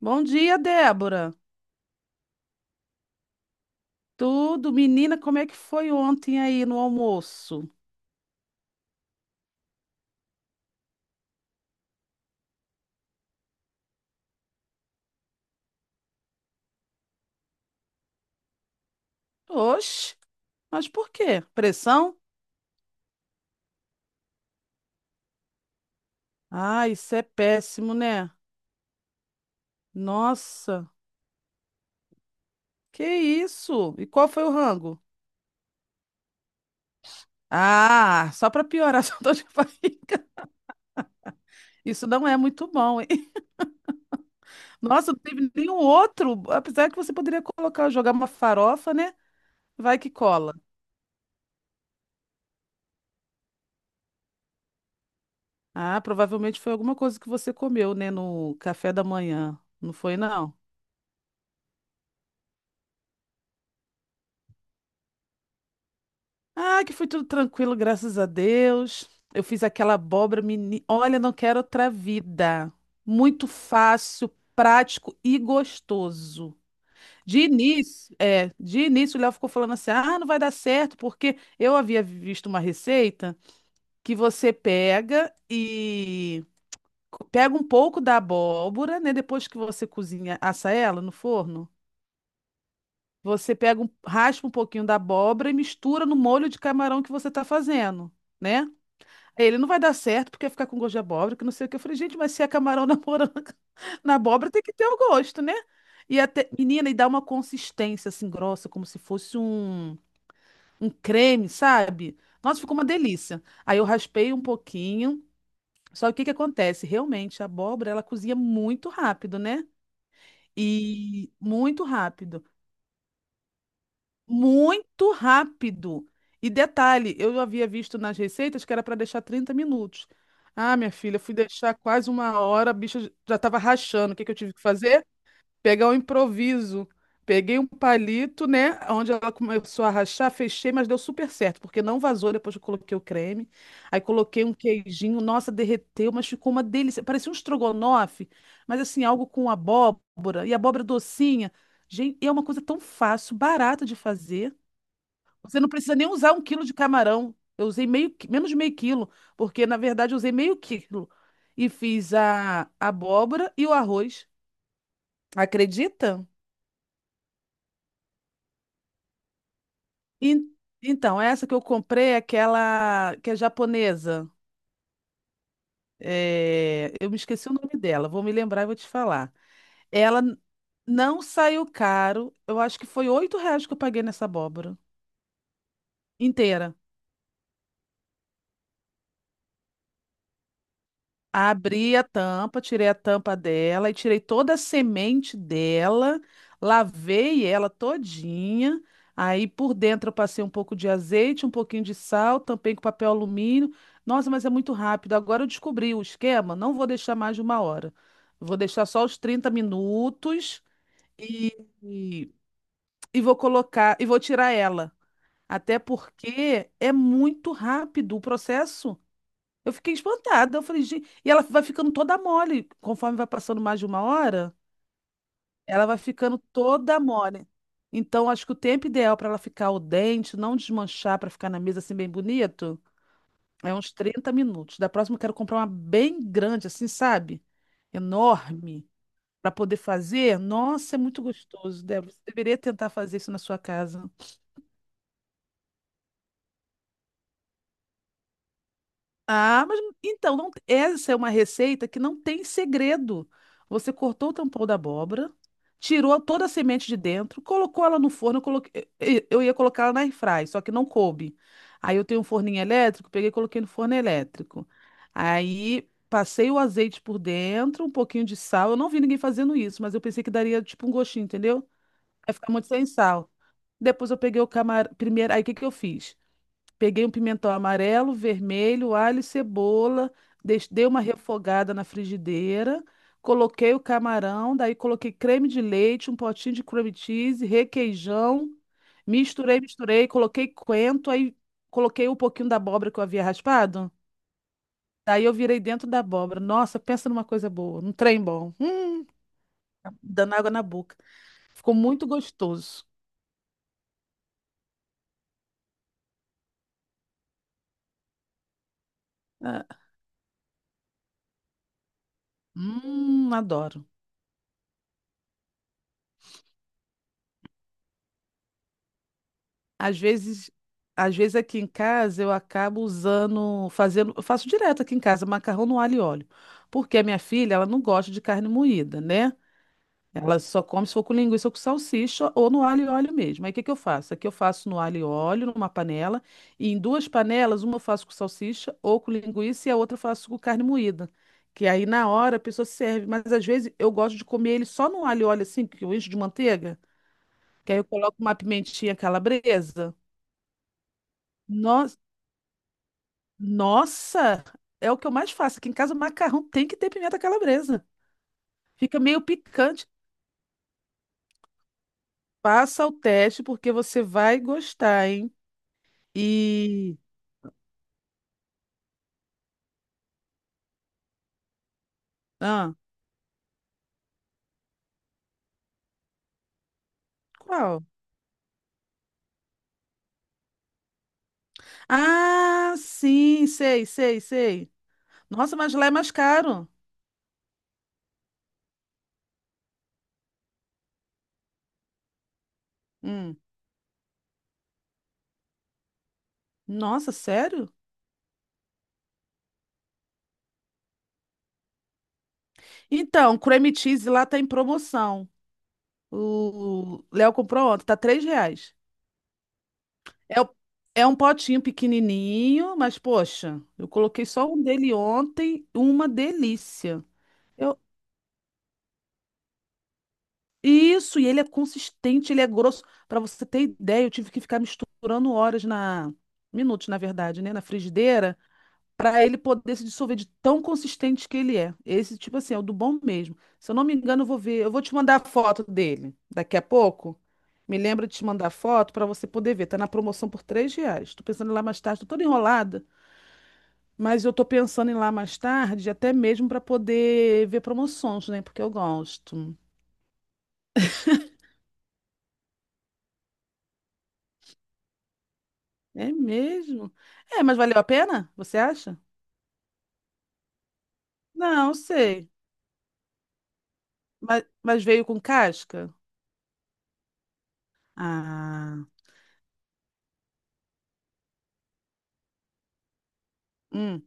Bom dia, Débora. Tudo, menina, como é que foi ontem aí no almoço? Oxe, mas por quê? Pressão? Ah, isso é péssimo, né? Nossa, que isso? E qual foi o rango? Ah, só para piorar, só tô te falando. Isso não é muito bom, hein? Nossa, não teve nenhum outro, apesar que você poderia colocar, jogar uma farofa, né? Vai que cola. Ah, provavelmente foi alguma coisa que você comeu, né, no café da manhã. Não foi, não? Ah, que foi tudo tranquilo, graças a Deus. Eu fiz aquela abóbora, menina. Olha, não quero outra vida. Muito fácil, prático e gostoso. De início o Léo ficou falando assim: "Ah, não vai dar certo", porque eu havia visto uma receita que você pega e pega um pouco da abóbora, né, depois que você cozinha, assa ela no forno, você pega um, raspa um pouquinho da abóbora e mistura no molho de camarão que você está fazendo, né? É, ele não vai dar certo porque ficar com gosto de abóbora, que não sei o que. Eu falei, gente, mas se é camarão na moranga, na abóbora, tem que ter o gosto, né? E até, menina, e dá uma consistência assim grossa, como se fosse um creme, sabe? Nossa, ficou uma delícia. Aí eu raspei um pouquinho. Só que o que que acontece? Realmente, a abóbora, ela cozinha muito rápido, né? E muito rápido. Muito rápido. E detalhe, eu havia visto nas receitas que era para deixar 30 minutos. Ah, minha filha, fui deixar quase uma hora, a bicha já estava rachando. O que que eu tive que fazer? Pegar um improviso. Peguei um palito, né? Onde ela começou a rachar, fechei, mas deu super certo, porque não vazou depois que eu coloquei o creme. Aí coloquei um queijinho, nossa, derreteu, mas ficou uma delícia. Parecia um estrogonofe, mas assim, algo com abóbora, e abóbora docinha. Gente, e é uma coisa tão fácil, barata de fazer. Você não precisa nem usar um quilo de camarão. Eu usei meio, menos de meio quilo, porque na verdade eu usei meio quilo. E fiz a abóbora e o arroz. Acredita? En- Então, essa que eu comprei é aquela que é japonesa. É, eu me esqueci o nome dela, vou me lembrar e vou te falar. Ela n- não saiu caro, eu acho que foi R$ 8 que eu paguei nessa abóbora inteira. Abri a tampa, tirei a tampa dela e tirei toda a semente dela, lavei ela todinha. Aí por dentro eu passei um pouco de azeite, um pouquinho de sal, tampei com papel alumínio. Nossa, mas é muito rápido. Agora eu descobri o esquema, não vou deixar mais de uma hora. Vou deixar só os 30 minutos e, e, e vou colocar, e vou tirar ela. Até porque é muito rápido o processo. Eu fiquei espantada. Eu falei, gente. E ela vai ficando toda mole. Conforme vai passando mais de uma hora, ela vai ficando toda mole. Então, acho que o tempo ideal para ela ficar o dente, não desmanchar, para ficar na mesa assim bem bonito, é uns 30 minutos. Da próxima, eu quero comprar uma bem grande, assim, sabe? Enorme. Para poder fazer. Nossa, é muito gostoso, Débora. Você deveria tentar fazer isso na sua casa. Ah, mas então, não- essa é uma receita que não tem segredo. Você cortou o tampão da abóbora, tirou toda a semente de dentro, colocou ela no forno. Eu ia colocar ela na airfry, só que não coube. Aí eu tenho um forninho elétrico, peguei e coloquei no forno elétrico. Aí passei o azeite por dentro, um pouquinho de sal. Eu não vi ninguém fazendo isso, mas eu pensei que daria tipo um gostinho, entendeu? Vai ficar muito sem sal. Depois eu peguei o camarão. Primeiro, aí o que que eu fiz? Peguei um pimentão amarelo, vermelho, alho e cebola, dei uma refogada na frigideira, coloquei o camarão, daí coloquei creme de leite, um potinho de creme cheese, requeijão, misturei, misturei, coloquei coentro, aí coloquei um pouquinho da abóbora que eu havia raspado. Daí eu virei dentro da abóbora. Nossa, pensa numa coisa boa, num trem bom. Dando água na boca. Ficou muito gostoso. Ah, adoro. Às vezes, às vezes aqui em casa eu acabo usando, fazendo, eu faço direto aqui em casa, macarrão no alho e óleo, porque a minha filha, ela não gosta de carne moída, né? Ela só come se for com linguiça ou com salsicha ou no alho e óleo mesmo. Aí o que que eu faço? Aqui eu faço no alho e óleo, numa panela, e em duas panelas, uma eu faço com salsicha ou com linguiça e a outra eu faço com carne moída. Que aí na hora a pessoa serve, mas às vezes eu gosto de comer ele só no alho e óleo assim, que eu encho de manteiga, que aí eu coloco uma pimentinha calabresa. No- Nossa, é o que eu mais faço. Aqui em casa, o macarrão tem que ter pimenta calabresa. Fica meio picante. Passa o teste, porque você vai gostar, hein? E. Ah, qual? Ah, sim, sei, sei, sei. Nossa, mas lá é mais caro. Hum. Nossa, sério? Então, creme cheese lá tá em promoção. O Léo comprou ontem, tá R$ 3. É, é um potinho pequenininho, mas poxa, eu coloquei só um dele ontem, uma delícia. Eu, isso, e ele é consistente, ele é grosso. Para você ter ideia, eu tive que ficar misturando horas na, minutos, na verdade, né, na frigideira, para ele poder se dissolver de tão consistente que ele é. Esse tipo assim, é o do bom mesmo. Se eu não me engano, eu vou ver, eu vou te mandar a foto dele daqui a pouco. Me lembra de te mandar a foto para você poder ver. Tá na promoção por R$ 3. Tô pensando em ir lá mais tarde, tô toda enrolada. Mas eu tô pensando em ir lá mais tarde, até mesmo para poder ver promoções, né? Porque eu gosto. É mesmo? É, mas valeu a pena? Você acha? Não, sei. Mas veio com casca? Ah, hum.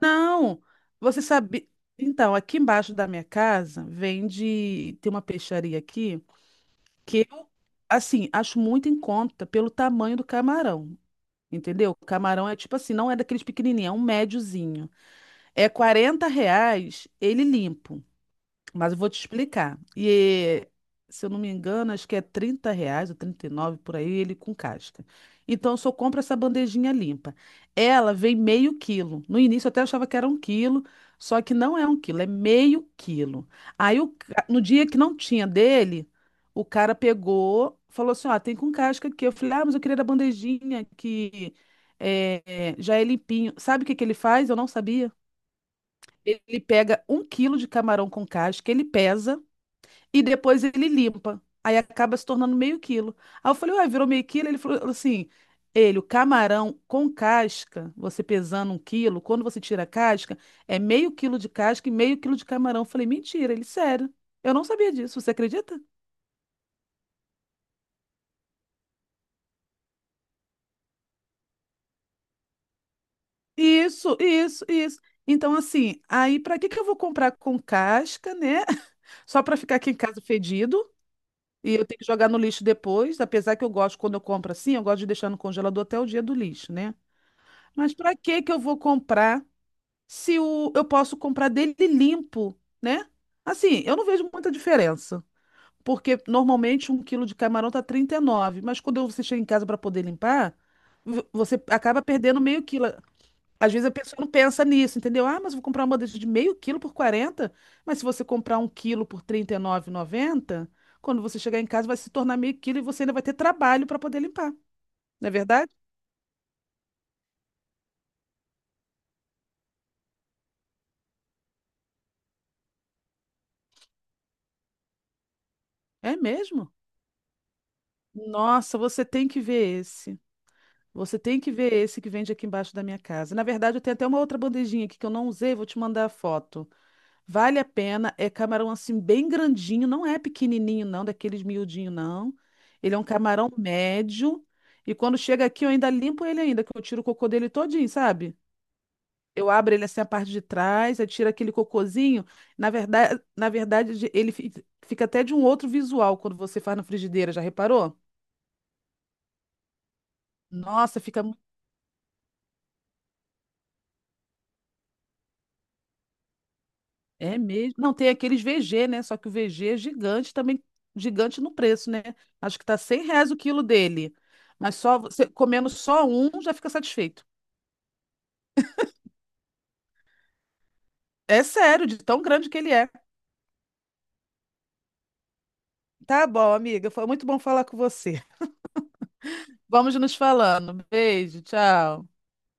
Não, você sabe. Então, aqui embaixo da minha casa vende. Tem uma peixaria aqui que eu, assim, acho muito em conta pelo tamanho do camarão. Entendeu? O camarão é tipo assim, não é daqueles pequenininhos, é um médiozinho. É R$ 40 ele limpo, mas eu vou te explicar. E se eu não me engano, acho que é R$ 30 ou 39 por aí, ele com casca. Então eu só compro essa bandejinha limpa. Ela vem meio quilo. No início eu até achava que era um quilo, só que não é um quilo, é meio quilo. No dia que não tinha dele, o cara pegou, falou assim: ó, tem com casca aqui. Eu falei: ah, mas eu queria da bandejinha que é, é, já é limpinho. Sabe o que que ele faz? Eu não sabia. Ele pega um quilo de camarão com casca, ele pesa e depois ele limpa. Aí acaba se tornando meio quilo. Aí eu falei, ué, virou meio quilo? Ele falou assim, ele, o camarão com casca, você pesando um quilo, quando você tira a casca, é meio quilo de casca e meio quilo de camarão. Eu falei, mentira, ele, sério. Eu não sabia disso, você acredita? Isso, isso, isso. Então, assim, aí pra que que eu vou comprar com casca, né? Só pra ficar aqui em casa fedido? E eu tenho que jogar no lixo depois, apesar que eu gosto, quando eu compro assim, eu gosto de deixar no congelador até o dia do lixo, né? Mas para que que eu vou comprar se o, eu posso comprar dele limpo, né? Assim, eu não vejo muita diferença, porque normalmente um quilo de camarão tá 39, mas quando você chega em casa para poder limpar, você acaba perdendo meio quilo. Às vezes a pessoa não pensa nisso, entendeu? Ah, mas eu vou comprar uma bandeja de meio quilo por 40, mas se você comprar um quilo por 39,90, quando você chegar em casa vai se tornar meio quilo e você ainda vai ter trabalho para poder limpar. Não é verdade? É mesmo? Nossa, você tem que ver esse. Você tem que ver esse que vende aqui embaixo da minha casa. Na verdade, eu tenho até uma outra bandejinha aqui que eu não usei, vou te mandar a foto. Vale a pena. É camarão assim bem grandinho, não é pequenininho não, daqueles miudinho não. Ele é um camarão médio e quando chega aqui eu ainda limpo ele ainda, que eu tiro o cocô dele todinho, sabe? Eu abro ele assim a parte de trás, aí tira aquele cocôzinho. Na verdade, ele fica até de um outro visual quando você faz na frigideira, já reparou? Nossa, fica É mesmo. Não, tem aqueles VG, né? Só que o VG é gigante também, gigante no preço, né? Acho que tá R$ 100 o quilo dele. Mas só você comendo só um já fica satisfeito. É sério, de tão grande que ele é. Tá bom, amiga. Foi muito bom falar com você. Vamos nos falando. Beijo, tchau.